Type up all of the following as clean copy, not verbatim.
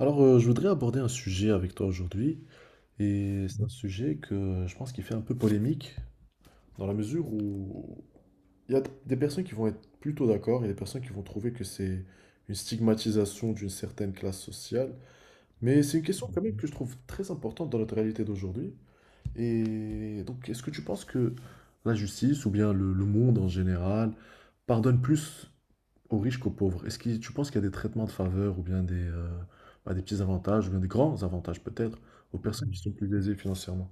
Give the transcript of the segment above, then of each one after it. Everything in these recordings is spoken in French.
Alors, je voudrais aborder un sujet avec toi aujourd'hui, et c'est un sujet que je pense qui fait un peu polémique, dans la mesure où il y a des personnes qui vont être plutôt d'accord, et des personnes qui vont trouver que c'est une stigmatisation d'une certaine classe sociale, mais c'est une question quand même que je trouve très importante dans notre réalité d'aujourd'hui. Et donc, est-ce que tu penses que la justice, ou bien le monde en général, pardonne plus aux riches qu'aux pauvres? Est-ce que tu penses qu'il y a des traitements de faveur ou bien des petits avantages ou bien des grands avantages peut-être aux personnes qui sont plus aisées financièrement?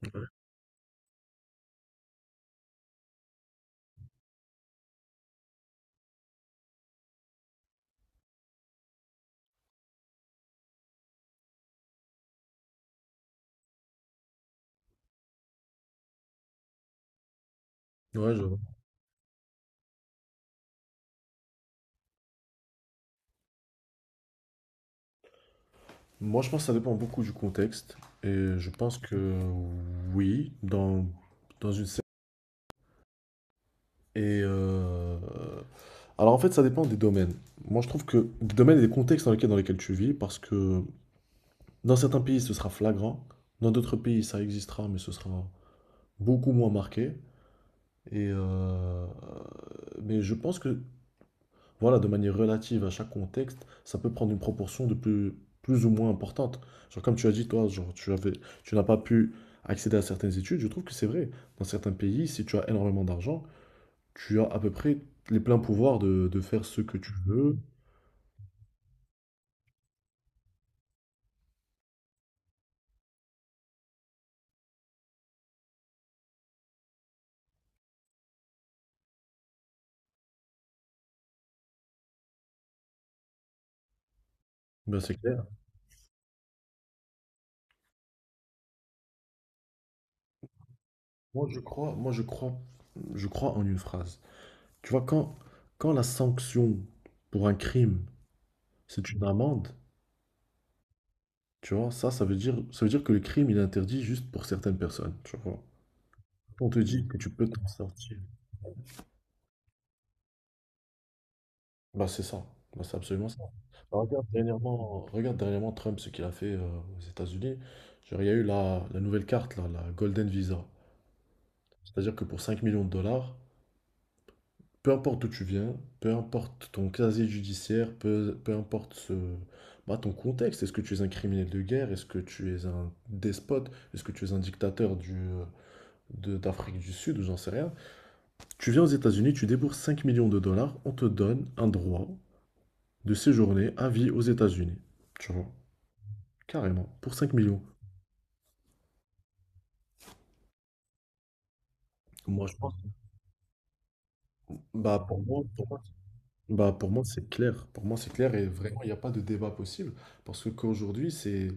Ouais. Ouais, je vois. Moi, je pense que ça dépend beaucoup du contexte et je pense que oui, dans, dans une cer- Et alors en fait, ça dépend des domaines. Moi, je trouve que des domaines et des contextes dans lesquels tu vis, parce que dans certains pays, ce sera flagrant, dans d'autres pays, ça existera, mais ce sera beaucoup moins marqué. Et euh, mais je pense que, voilà, de manière relative à chaque contexte, ça peut prendre une proportion de plus ou moins importante. Genre, comme tu as dit, toi, genre, tu n'as pas pu accéder à certaines études. Je trouve que c'est vrai. Dans certains pays, si tu as énormément d'argent, tu as à peu près les pleins pouvoirs de faire ce que tu veux. Ben, c'est clair. Moi, je crois, moi, je crois, je crois en une phrase. Tu vois, quand la sanction pour un crime, c'est une amende. Tu vois, ça veut dire que le crime, il est interdit juste pour certaines personnes, tu vois. On te dit que tu peux t'en sortir. Bah, c'est ça. Bah, c'est absolument ça. Bah, regarde dernièrement Trump, ce qu'il a fait aux États-Unis. Genre, il y a eu la nouvelle carte, là, la Golden Visa. C'est-à-dire que pour 5 millions de dollars, peu importe d'où tu viens, peu importe ton casier judiciaire, peu importe ton contexte, est-ce que tu es un criminel de guerre, est-ce que tu es un despote, est-ce que tu es un dictateur d'Afrique du Sud, ou j'en sais rien. Tu viens aux États-Unis, tu débourses 5 millions de dollars, on te donne un droit de séjourner à vie aux États-Unis. Tu vois, carrément, pour 5 millions. Moi, je pense. Bah, pour moi, pour moi, bah, pour moi, c'est clair. Pour moi, c'est clair et vraiment, il n'y a pas de débat possible. Parce que qu'aujourd'hui, c'est,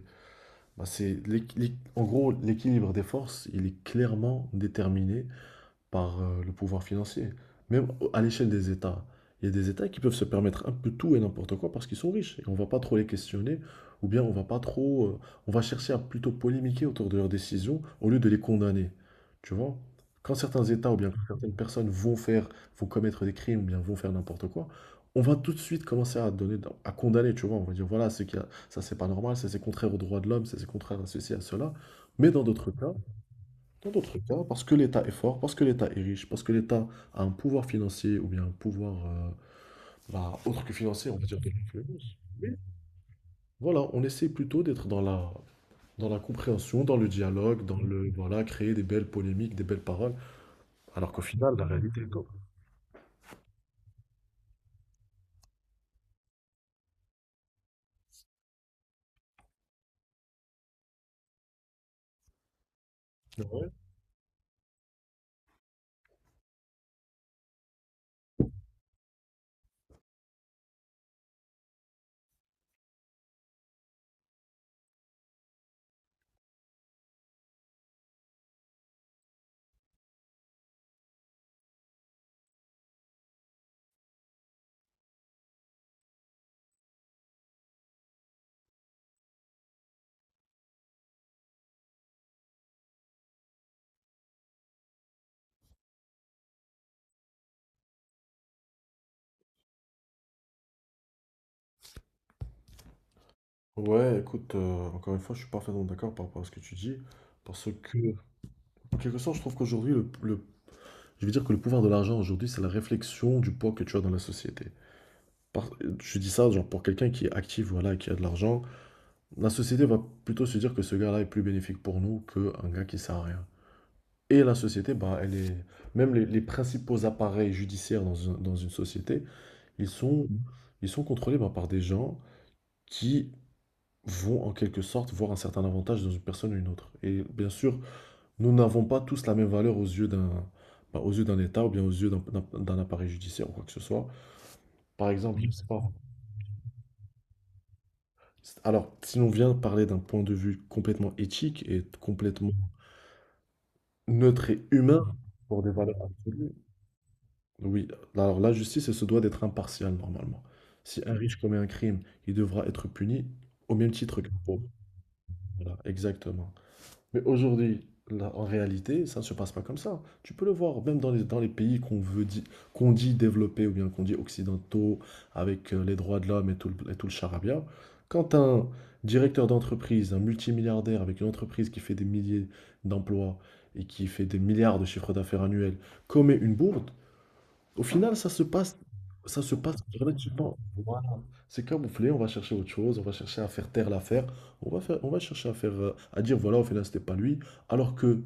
bah, c'est en gros, l'équilibre des forces, il est clairement déterminé par le pouvoir financier. Même à l'échelle des États. Il y a des États qui peuvent se permettre un peu tout et n'importe quoi parce qu'ils sont riches. Et on ne va pas trop les questionner, ou bien on va pas trop. On va chercher à plutôt polémiquer autour de leurs décisions au lieu de les condamner. Tu vois? Quand certains États ou bien quand certaines personnes vont commettre des crimes ou bien vont faire n'importe quoi, on va tout de suite à condamner, tu vois. On va dire voilà, c'est qu'il y a- ça c'est pas normal, ça c'est contraire aux droits de l'homme, ça c'est contraire à ceci, à cela. Mais dans d'autres cas, Dans d'autres cas, parce que l'État est fort, parce que l'État est riche, parce que l'État a un pouvoir financier ou bien un pouvoir autre que financier, on va dire. Voilà, on essaie plutôt d'être dans dans la compréhension, dans le dialogue, dans le, voilà, créer des belles polémiques, des belles paroles, alors qu'au final, la réalité est autre. Ouais. Ouais, écoute, encore une fois, je suis parfaitement d'accord par rapport à ce que tu dis, parce que, en quelque sorte, je trouve qu'aujourd'hui, je vais dire que le pouvoir de l'argent, aujourd'hui, c'est la réflexion du poids que tu as dans la société. Par- je dis ça genre, pour quelqu'un qui est actif, voilà, qui a de l'argent. La société va plutôt se dire que ce gars-là est plus bénéfique pour nous qu'un gars qui sert à rien. Et la société, bah, elle est... Même les principaux appareils judiciaires dans dans une société, ils sont, ils sont contrôlés bah, par des gens qui vont en quelque sorte voir un certain avantage dans une personne ou une autre. Et bien sûr, nous n'avons pas tous la même valeur aux yeux aux yeux d'un État ou bien aux yeux d'un appareil judiciaire ou quoi que ce soit. Par exemple, je Oui. sais pas. Alors, si l'on vient parler d'un point de vue complètement éthique et complètement neutre et humain pour des valeurs absolues. Oui, alors la justice, elle se doit d'être impartiale normalement. Si un riche commet un crime, il devra être puni au même titre qu'un pauvre. Voilà, exactement. Mais aujourd'hui, là, en réalité, ça ne se passe pas comme ça. Tu peux le voir, même dans dans les pays qu'on dit développés ou bien qu'on dit occidentaux, avec les droits de l'homme et et tout le charabia. Quand un directeur d'entreprise, un multimilliardaire avec une entreprise qui fait des milliers d'emplois et qui fait des milliards de chiffres d'affaires annuels, commet une bourde, au final, ça se passe relativement. Voilà. C'est camouflé, on va chercher autre chose, on va chercher à faire taire l'affaire, on va chercher à faire, à dire voilà, au final, c'était pas lui. Alors que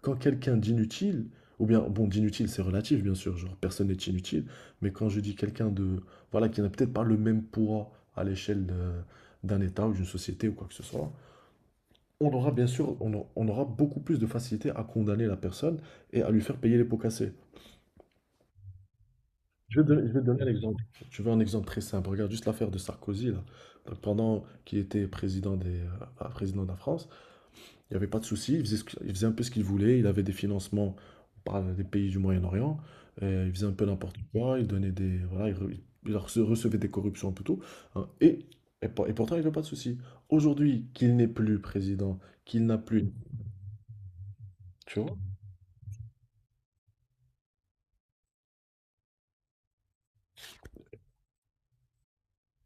quand quelqu'un d'inutile, ou bien, bon, d'inutile, c'est relatif, bien sûr, genre personne n'est inutile, mais quand je dis quelqu'un de, voilà, qui n'a peut-être pas le même poids à l'échelle d'un État ou d'une société ou quoi que ce soit, on aura bien sûr, on aura beaucoup plus de facilité à condamner la personne et à lui faire payer les pots cassés. Je vais te donner un exemple. Tu veux un exemple très simple. Regarde juste l'affaire de Sarkozy, là. Donc, pendant qu'il était président de la France, il n'y avait pas de souci. Ce que- il faisait un peu ce qu'il voulait. Il avait des financements par des pays du Moyen-Orient. Il faisait un peu n'importe quoi. Il donnait des, voilà, il, re- il rece- recevait des corruptions un peu tout. Hein, Et pourtant, il n'y avait pas de souci. Aujourd'hui, qu'il n'est plus président, qu'il n'a plus, tu vois,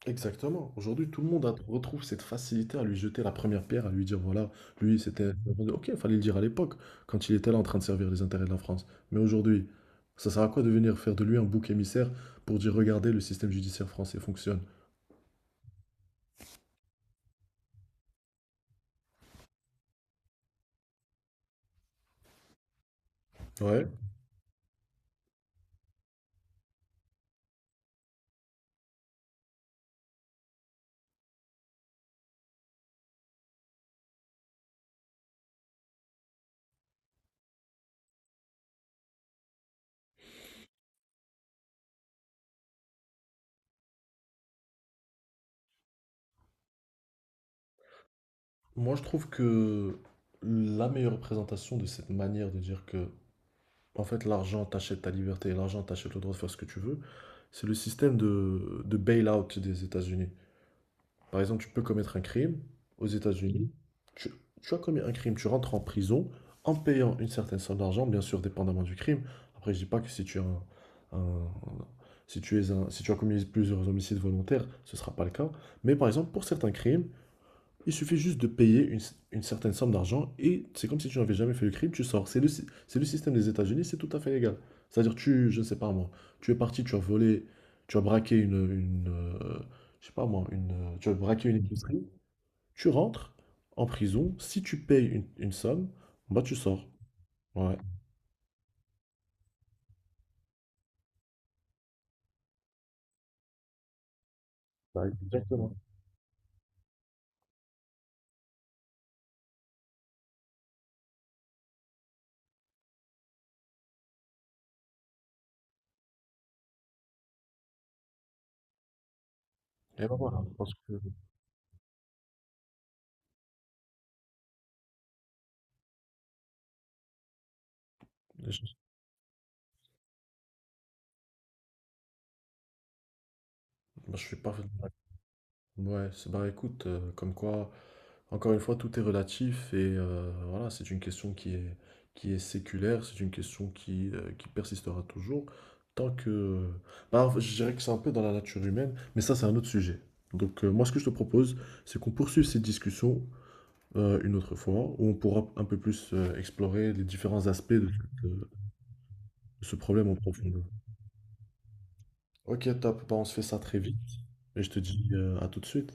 exactement. Aujourd'hui, tout le monde a- retrouve cette facilité à lui jeter la première pierre, à lui dire, voilà, lui, c'était... Ok, il fallait le dire à l'époque, quand il était là en train de servir les intérêts de la France. Mais aujourd'hui, ça sert à quoi de venir faire de lui un bouc émissaire pour dire, regardez, le système judiciaire français fonctionne? Ouais. Moi, je trouve que la meilleure représentation de cette manière de dire que, en fait, l'argent t'achète ta liberté, l'argent t'achète le droit de faire ce que tu veux, c'est le système de bail-out des États-Unis. Par exemple, tu peux commettre un crime aux États-Unis. Tu, Tu as commis un crime, tu rentres en prison en payant une certaine somme d'argent, bien sûr, dépendamment du crime. Après, je dis pas que si tu as un, un- si tu es un, si tu as commis plusieurs homicides volontaires, ce sera pas le cas. Mais par exemple, pour certains crimes, il suffit juste de payer une certaine somme d'argent et c'est comme si tu n'avais jamais fait le crime, tu sors. C'est le système des États-Unis, c'est tout à fait légal. C'est-à-dire, je ne sais pas moi, tu as volé, tu as braqué une, je sais pas moi, une, tu as braqué une épicerie, tu rentres en prison, si tu payes une somme, bah tu sors. Ouais. Bah, exactement. Et bah voilà, parce que je, moi, je suis pas. Ouais, c'est- bah écoute, comme quoi, encore une fois, tout est relatif et voilà, c'est une question qui est séculaire, c'est une question qui persistera toujours tant que... Bah, en fait, je dirais que c'est un peu dans la nature humaine, mais ça, c'est un autre sujet. Donc, moi, ce que je te propose, c'est qu'on poursuive cette discussion une autre fois, où on pourra un peu plus explorer les différents aspects de- de ce problème en profondeur. Ok, top, bah, on se fait ça très vite et je te dis à tout de suite.